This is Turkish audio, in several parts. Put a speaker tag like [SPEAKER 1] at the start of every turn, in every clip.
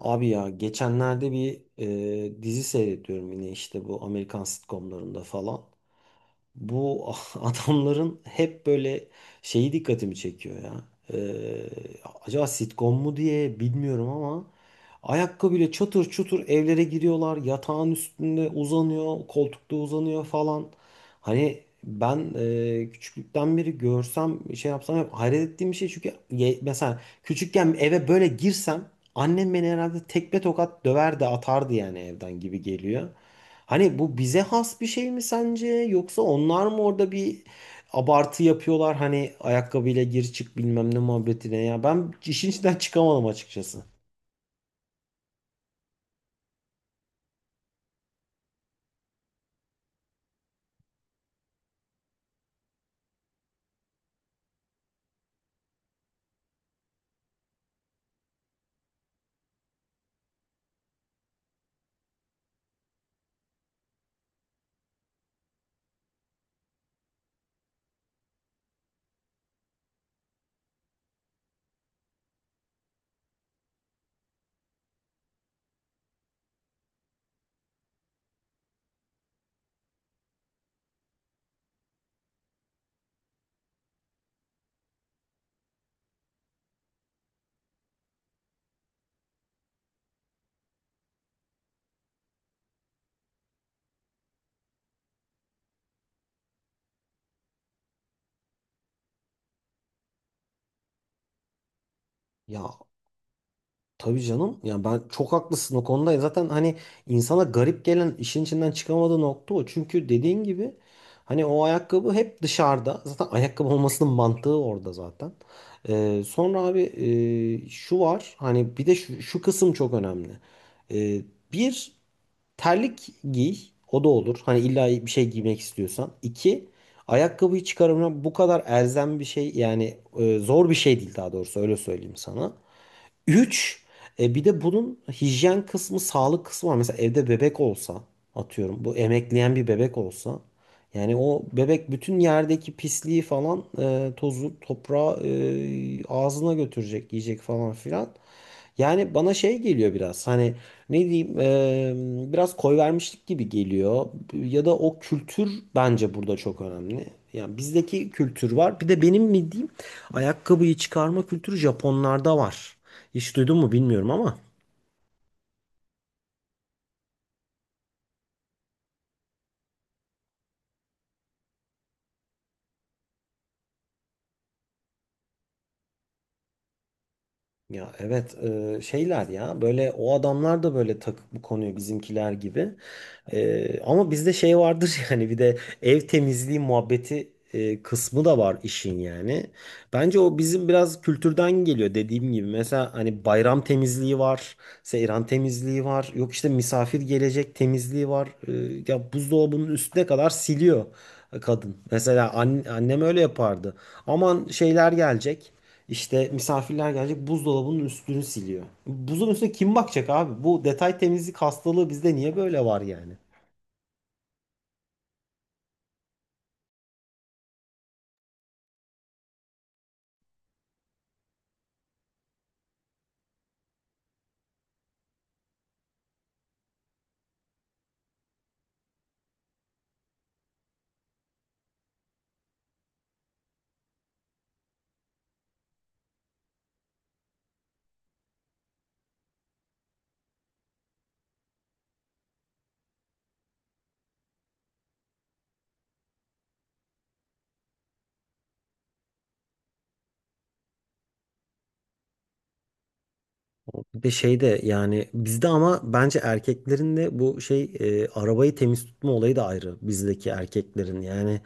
[SPEAKER 1] Abi ya geçenlerde bir dizi seyrediyorum yine işte bu Amerikan sitcomlarında falan. Bu adamların hep böyle şeyi dikkatimi çekiyor ya. E, Acaba sitcom mu diye bilmiyorum ama ayakkabıyla çatır çutur evlere giriyorlar. Yatağın üstünde uzanıyor, koltukta uzanıyor falan. Hani ben küçüklükten beri görsem şey yapsam hep hayret ettiğim bir şey çünkü mesela küçükken eve böyle girsem annem beni herhalde tekme tokat döverdi atardı yani evden gibi geliyor. Hani bu bize has bir şey mi sence yoksa onlar mı orada bir abartı yapıyorlar hani ayakkabıyla gir çık bilmem ne muhabbetine ya ben işin içinden çıkamadım açıkçası. Ya, tabii canım. Yani ben çok haklısın o konuda. Zaten hani insana garip gelen işin içinden çıkamadığı nokta o. Çünkü dediğin gibi hani o ayakkabı hep dışarıda. Zaten ayakkabı olmasının mantığı orada zaten. Sonra abi şu var. Hani bir de şu kısım çok önemli. Ee, Bir terlik giy. O da olur. Hani illa bir şey giymek istiyorsan. İki, ayakkabıyı çıkarımına bu kadar elzem bir şey yani zor bir şey değil daha doğrusu öyle söyleyeyim sana. Üç, bir de bunun hijyen kısmı, sağlık kısmı var. Mesela evde bebek olsa, atıyorum bu emekleyen bir bebek olsa, yani o bebek bütün yerdeki pisliği falan, tozu, toprağı ağzına götürecek, yiyecek falan filan. Yani bana şey geliyor biraz hani ne diyeyim biraz koy vermişlik gibi geliyor ya da o kültür bence burada çok önemli. Yani bizdeki kültür var bir de benim mi diyeyim, ayakkabıyı çıkarma kültürü Japonlarda var. Hiç duydun mu bilmiyorum ama. Ya evet şeyler ya böyle o adamlar da böyle takık bu konuyu bizimkiler gibi. Ama bizde şey vardır yani bir de ev temizliği muhabbeti kısmı da var işin yani. Bence o bizim biraz kültürden geliyor dediğim gibi. Mesela hani bayram temizliği var, seyran temizliği var, yok işte misafir gelecek temizliği var. E, ya buzdolabının üstüne kadar siliyor kadın. Mesela annem öyle yapardı. Aman şeyler gelecek. İşte misafirler gelecek buzdolabının üstünü siliyor. Buzun üstüne kim bakacak abi? Bu detay temizlik hastalığı bizde niye böyle var yani? Bir de şey de yani bizde ama bence erkeklerin de bu şey arabayı temiz tutma olayı da ayrı bizdeki erkeklerin. Yani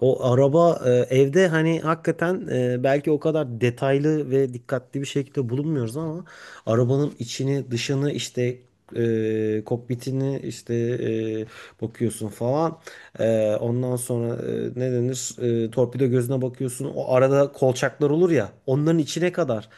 [SPEAKER 1] o araba evde hani hakikaten belki o kadar detaylı ve dikkatli bir şekilde bulunmuyoruz ama arabanın içini dışını işte kokpitini işte bakıyorsun falan. E, ondan sonra ne denir, torpido gözüne bakıyorsun o arada kolçaklar olur ya onların içine kadar.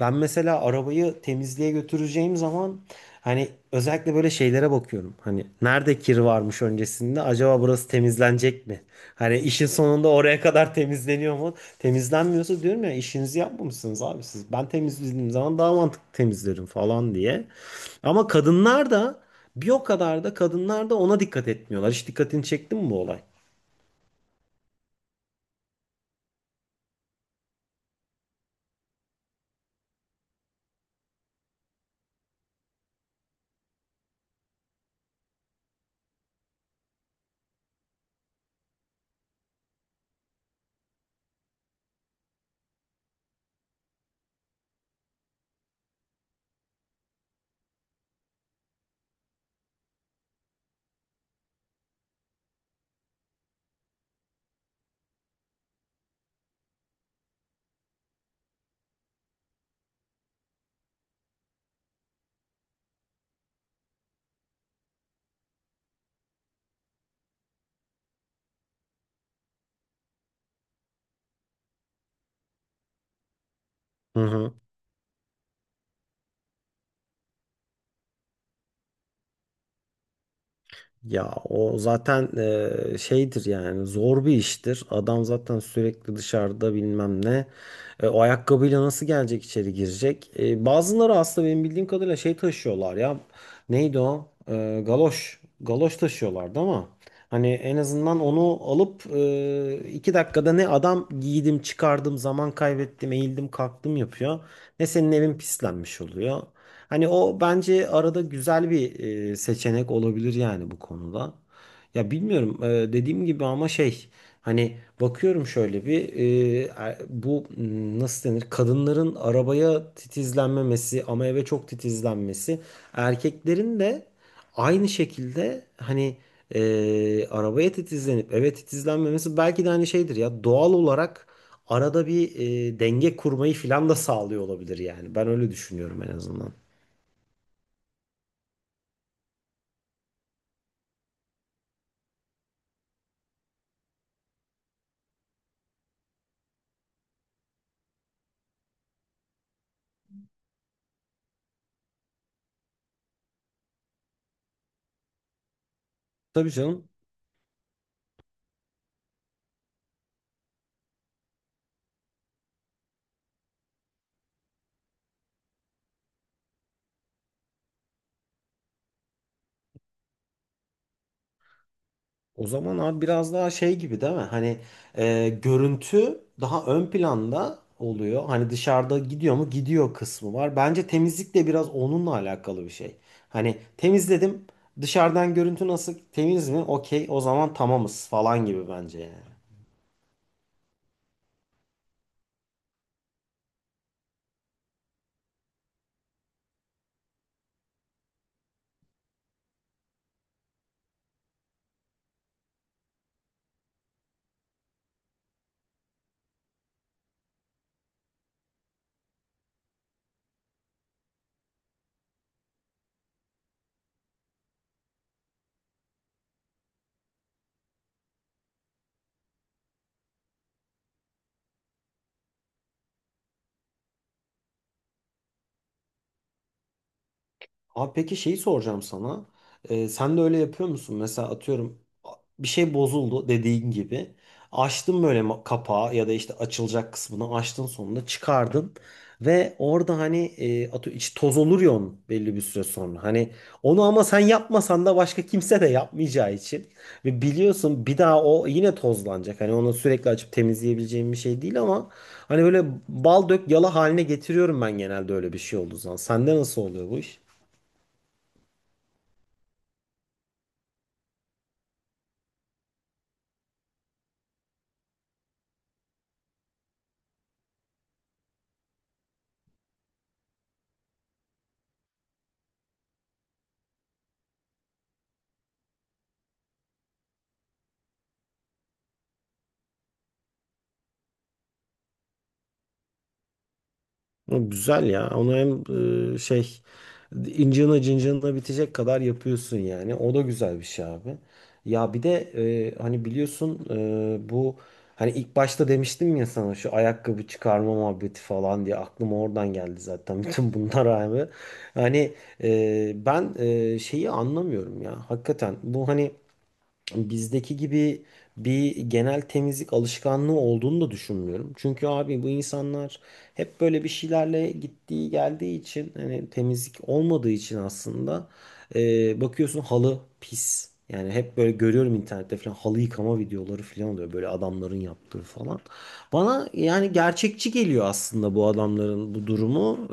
[SPEAKER 1] Ben mesela arabayı temizliğe götüreceğim zaman hani özellikle böyle şeylere bakıyorum. Hani nerede kir varmış öncesinde? Acaba burası temizlenecek mi? Hani işin sonunda oraya kadar temizleniyor mu? Temizlenmiyorsa diyorum ya işinizi yapmamışsınız abi siz. Ben temizlediğim zaman daha mantıklı temizlerim falan diye. Ama kadınlar da bir o kadar da kadınlar da ona dikkat etmiyorlar. Hiç dikkatini çekti mi bu olay? Hı hı. Ya o zaten şeydir yani zor bir iştir. Adam zaten sürekli dışarıda bilmem ne. E, o ayakkabıyla nasıl gelecek içeri girecek? E, bazıları aslında benim bildiğim kadarıyla şey taşıyorlar ya. Neydi o? E, galoş. Galoş taşıyorlardı ama hani en azından onu alıp iki dakikada ne adam giydim çıkardım zaman kaybettim eğildim kalktım yapıyor. Ne senin evin pislenmiş oluyor. Hani o bence arada güzel bir seçenek olabilir yani bu konuda. Ya bilmiyorum dediğim gibi ama şey hani bakıyorum şöyle bir bu nasıl denir kadınların arabaya titizlenmemesi ama eve çok titizlenmesi, erkeklerin de aynı şekilde hani arabaya titizlenip eve titizlenmemesi belki de hani şeydir ya doğal olarak arada bir denge kurmayı filan da sağlıyor olabilir yani ben öyle düşünüyorum en azından. Tabii canım. O zaman abi biraz daha şey gibi değil mi? Hani görüntü daha ön planda oluyor. Hani dışarıda gidiyor mu? Gidiyor kısmı var. Bence temizlik de biraz onunla alakalı bir şey. Hani temizledim. Dışarıdan görüntü nasıl? Temiz mi? Okey. O zaman tamamız falan gibi bence yani. Abi peki şeyi soracağım sana. Sen de öyle yapıyor musun? Mesela atıyorum bir şey bozuldu dediğin gibi. Açtın böyle kapağı ya da işte açılacak kısmını açtın sonunda çıkardın. Ve orada hani atı içi toz olur ya onun belli bir süre sonra. Hani onu ama sen yapmasan da başka kimse de yapmayacağı için. Ve biliyorsun bir daha o yine tozlanacak. Hani onu sürekli açıp temizleyebileceğim bir şey değil ama hani böyle bal dök yala haline getiriyorum ben genelde öyle bir şey olduğu zaman. Sende nasıl oluyor bu iş? O güzel ya. Onu hem şey, incina cincina bitecek kadar yapıyorsun yani. O da güzel bir şey abi. Ya bir de hani biliyorsun bu, hani ilk başta demiştim ya sana şu ayakkabı çıkarma muhabbeti falan diye aklıma oradan geldi zaten bütün bunlar abi. Hani ben şeyi anlamıyorum ya. Hakikaten bu hani bizdeki gibi bir genel temizlik alışkanlığı olduğunu da düşünmüyorum. Çünkü abi bu insanlar hep böyle bir şeylerle gittiği geldiği için hani temizlik olmadığı için aslında bakıyorsun halı pis. Yani hep böyle görüyorum internette falan halı yıkama videoları falan oluyor böyle adamların yaptığı falan. Bana yani gerçekçi geliyor aslında bu adamların bu durumu.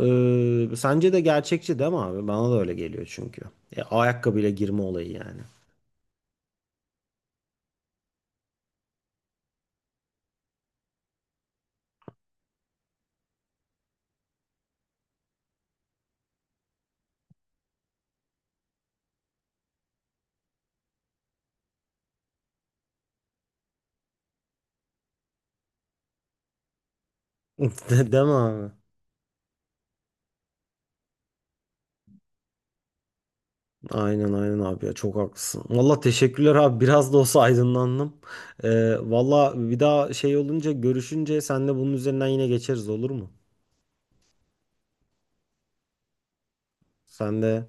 [SPEAKER 1] Sence de gerçekçi değil mi abi? Bana da öyle geliyor çünkü. E, ayakkabıyla girme olayı yani. Değil mi abi? Aynen aynen abi ya çok haklısın. Valla teşekkürler abi biraz da olsa aydınlandım. Valla bir daha şey olunca görüşünce senle bunun üzerinden yine geçeriz olur mu? Sen de